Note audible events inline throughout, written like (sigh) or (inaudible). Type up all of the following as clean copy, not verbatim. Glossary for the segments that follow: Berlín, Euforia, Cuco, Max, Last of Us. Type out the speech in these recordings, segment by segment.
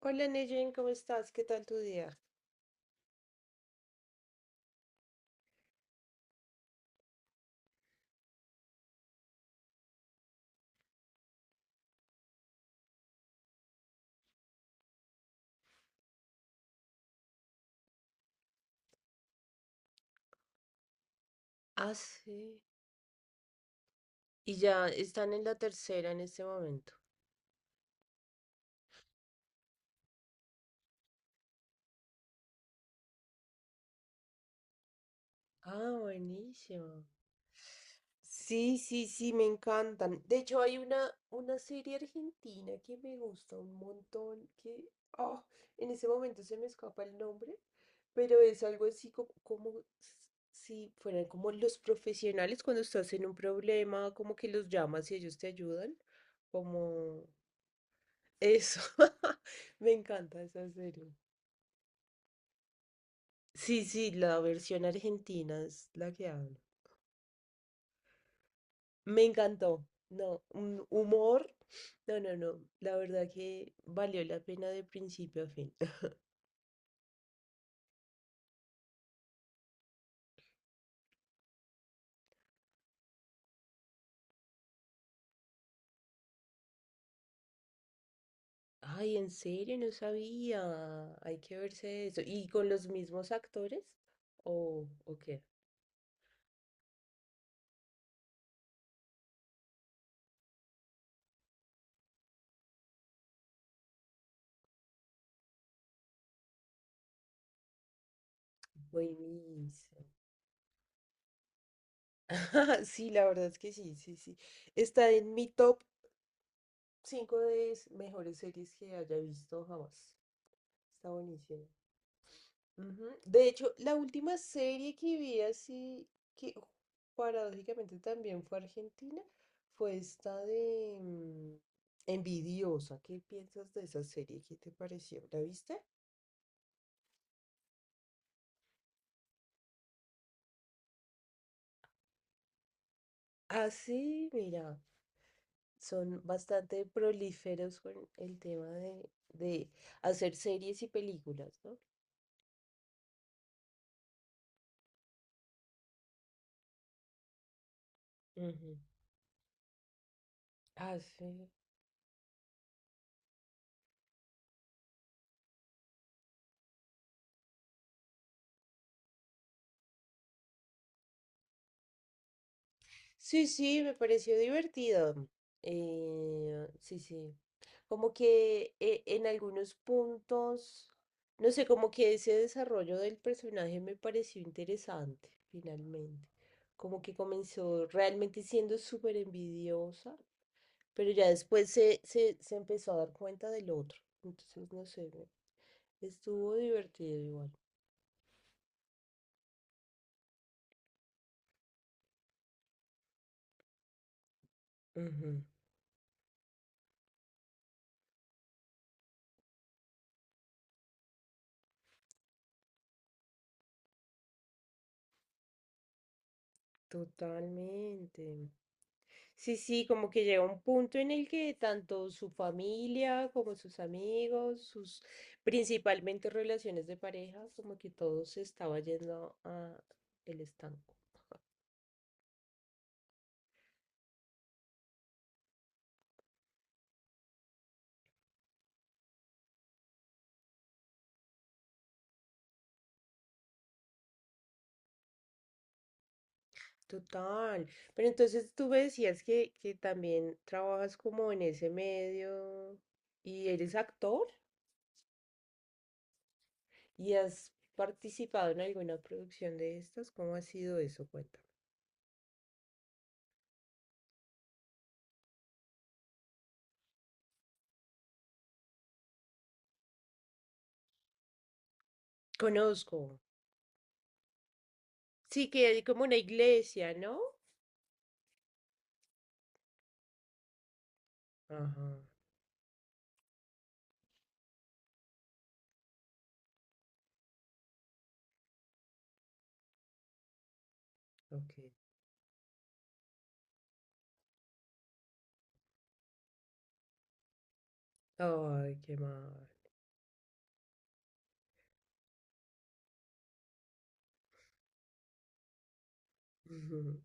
Hola Neyen, ¿cómo estás? ¿Qué tal tu día? Ah, sí. Y ya están en la tercera en este momento. Ah, buenísimo. Sí, sí, sí, me encantan. De hecho, hay una serie argentina que me gusta un montón, que ah, en ese momento se me escapa el nombre, pero es algo así como si fueran como los profesionales cuando estás en un problema, como que los llamas y ellos te ayudan, como... Eso, (laughs) me encanta esa serie. Sí, sí, la versión argentina es la que hablo. Me encantó. No, un humor. No, no, no. La verdad que valió la pena de principio a fin. (laughs) Ay, en serio, no sabía. Hay que verse eso. ¿Y con los mismos actores? Oh, ok. Buenísimo. (laughs) Sí, la verdad es que sí, sí, sí. Está en mi top 5 de mejores series que haya visto jamás. Está buenísimo. Ujú. De hecho, la última serie que vi así, que paradójicamente también fue argentina, fue esta de Envidiosa. ¿Qué piensas de esa serie? ¿Qué te pareció? ¿La viste? Ah, sí, mira, son bastante prolíferos con el tema de hacer series y películas, ¿no? Ujú. Ah, sí. Sí, sí, me pareció divertido. Sí, sí. Como que en algunos puntos, no sé, como que ese desarrollo del personaje me pareció interesante, finalmente. Como que comenzó realmente siendo súper envidiosa, pero ya después se empezó a dar cuenta del otro. Entonces, no sé, estuvo divertido igual. Ujú. Totalmente. Sí, sí, como que llega un punto en el que tanto su familia como sus amigos, sus principalmente relaciones de pareja, como que todo se estaba yendo a el estanco. Total. Pero entonces tú me decías que también trabajas como en ese medio y eres actor y has participado en alguna producción de estas. ¿Cómo ha sido eso? Cuéntame. Conozco. Sí, que hay como una iglesia, ¿no? Ajá, ok. Ay, qué mal. Ujú.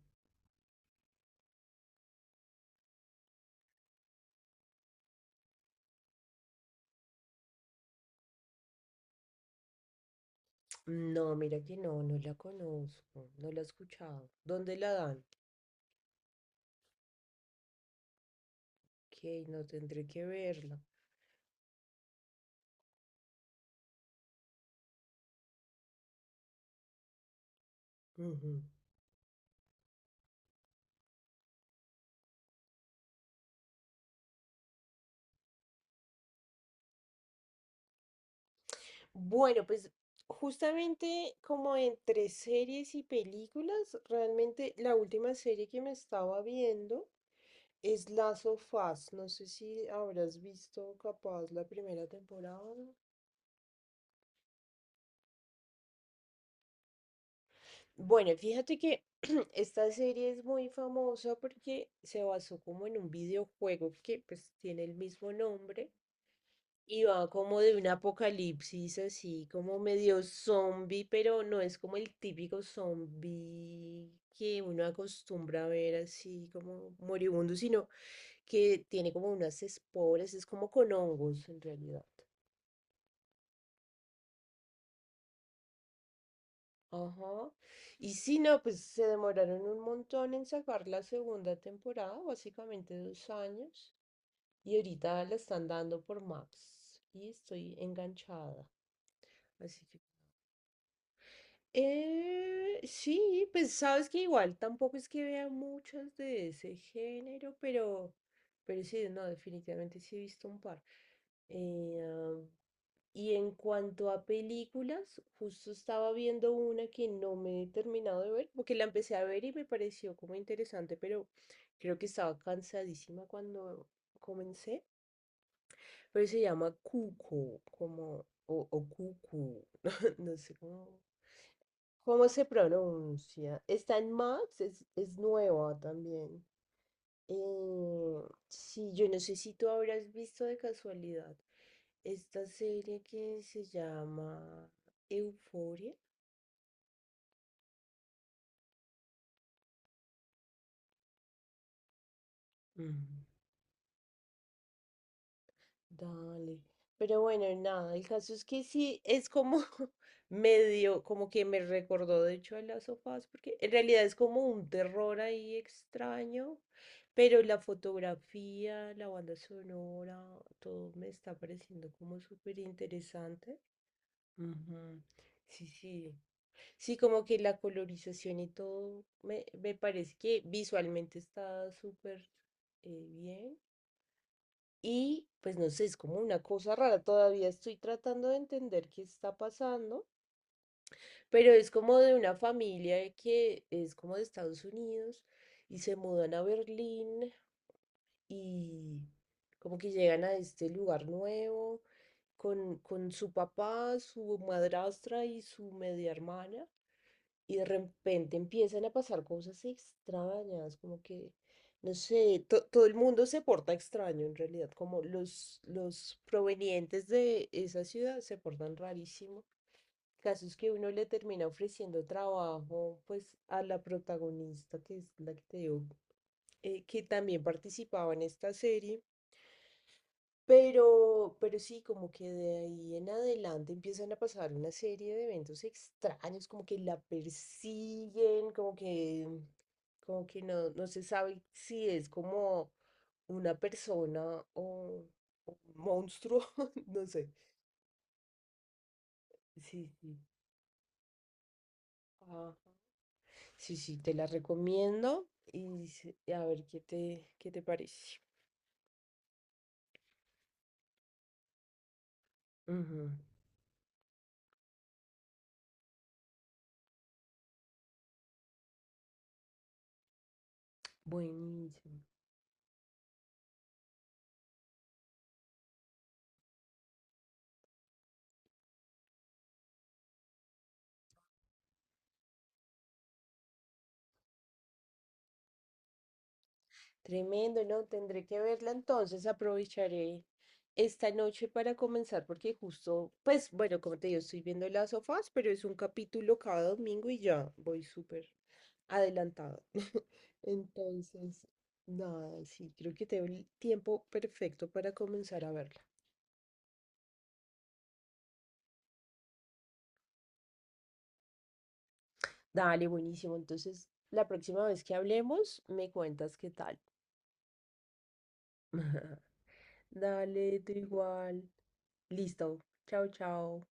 No, mira que no, no la conozco, no la he escuchado. ¿Dónde la dan? Ok, no tendré que verla. Ujú. Bueno, pues justamente como entre series y películas, realmente la última serie que me estaba viendo es Last of Us. No sé si habrás visto capaz la primera temporada. Bueno, fíjate que (clears throat) esta serie es muy famosa porque se basó como en un videojuego que pues tiene el mismo nombre y va como de un apocalipsis así como medio zombie, pero no es como el típico zombie que uno acostumbra a ver así como moribundo, sino que tiene como unas esporas, es como con hongos en realidad. Ajá. Y si no, pues se demoraron un montón en sacar la segunda temporada, básicamente 2 años. Y ahorita la están dando por Max. Y estoy enganchada. Así que sí, pues sabes que igual tampoco es que vea muchas de ese género, pero sí, no, definitivamente sí he visto un par. Eh, ah, y en cuanto a películas, justo estaba viendo una que no me he terminado de ver, porque la empecé a ver y me pareció como interesante, pero creo que estaba cansadísima cuando comencé, pero se llama Cuco, o Cucu, (laughs) no, sé cómo. ¿Cómo se pronuncia? Está en Max, es nueva también. Eh, sí, yo no sé si tú habrás visto de casualidad esta serie que se llama Euforia. Dale. Pero bueno, nada, el caso es que sí, es como (laughs) medio, como que me recordó de hecho a las sofás, porque en realidad es como un terror ahí extraño, pero la fotografía, la banda sonora, todo me está pareciendo como súper interesante. Ujú. Sí, sí. Sí, como que la colorización y todo me parece que visualmente está súper bien. Y pues no sé, es como una cosa rara, todavía estoy tratando de entender qué está pasando, pero es como de una familia que es como de Estados Unidos y se mudan a Berlín y como que llegan a este lugar nuevo con su papá, su madrastra y su media hermana. Y de repente empiezan a pasar cosas extrañas, como que, no sé, todo el mundo se porta extraño en realidad, como los provenientes de esa ciudad se portan rarísimo. Casos que uno le termina ofreciendo trabajo, pues, a la protagonista, que es la que te digo, que también participaba en esta serie. Pero sí, como que de ahí en adelante empiezan a pasar una serie de eventos extraños, como que la persiguen, como que no, no se sabe si es como una persona o, o un monstruo, (laughs) no sé. Sí, sí. Ajá. Sí, sí, te la recomiendo y a ver qué te parece. Ujú. Buenísimo. Tremendo, no, tendré que verla entonces, aprovecharé esta noche para comenzar porque justo, pues bueno, como te digo, estoy viendo las sofás, pero es un capítulo cada domingo y ya voy súper adelantada. (laughs) Entonces, nada, sí, creo que tengo el tiempo perfecto para comenzar a verla. Dale, buenísimo. Entonces, la próxima vez que hablemos, me cuentas qué tal. (laughs) Dale, tú igual. Listo. Chao, chao.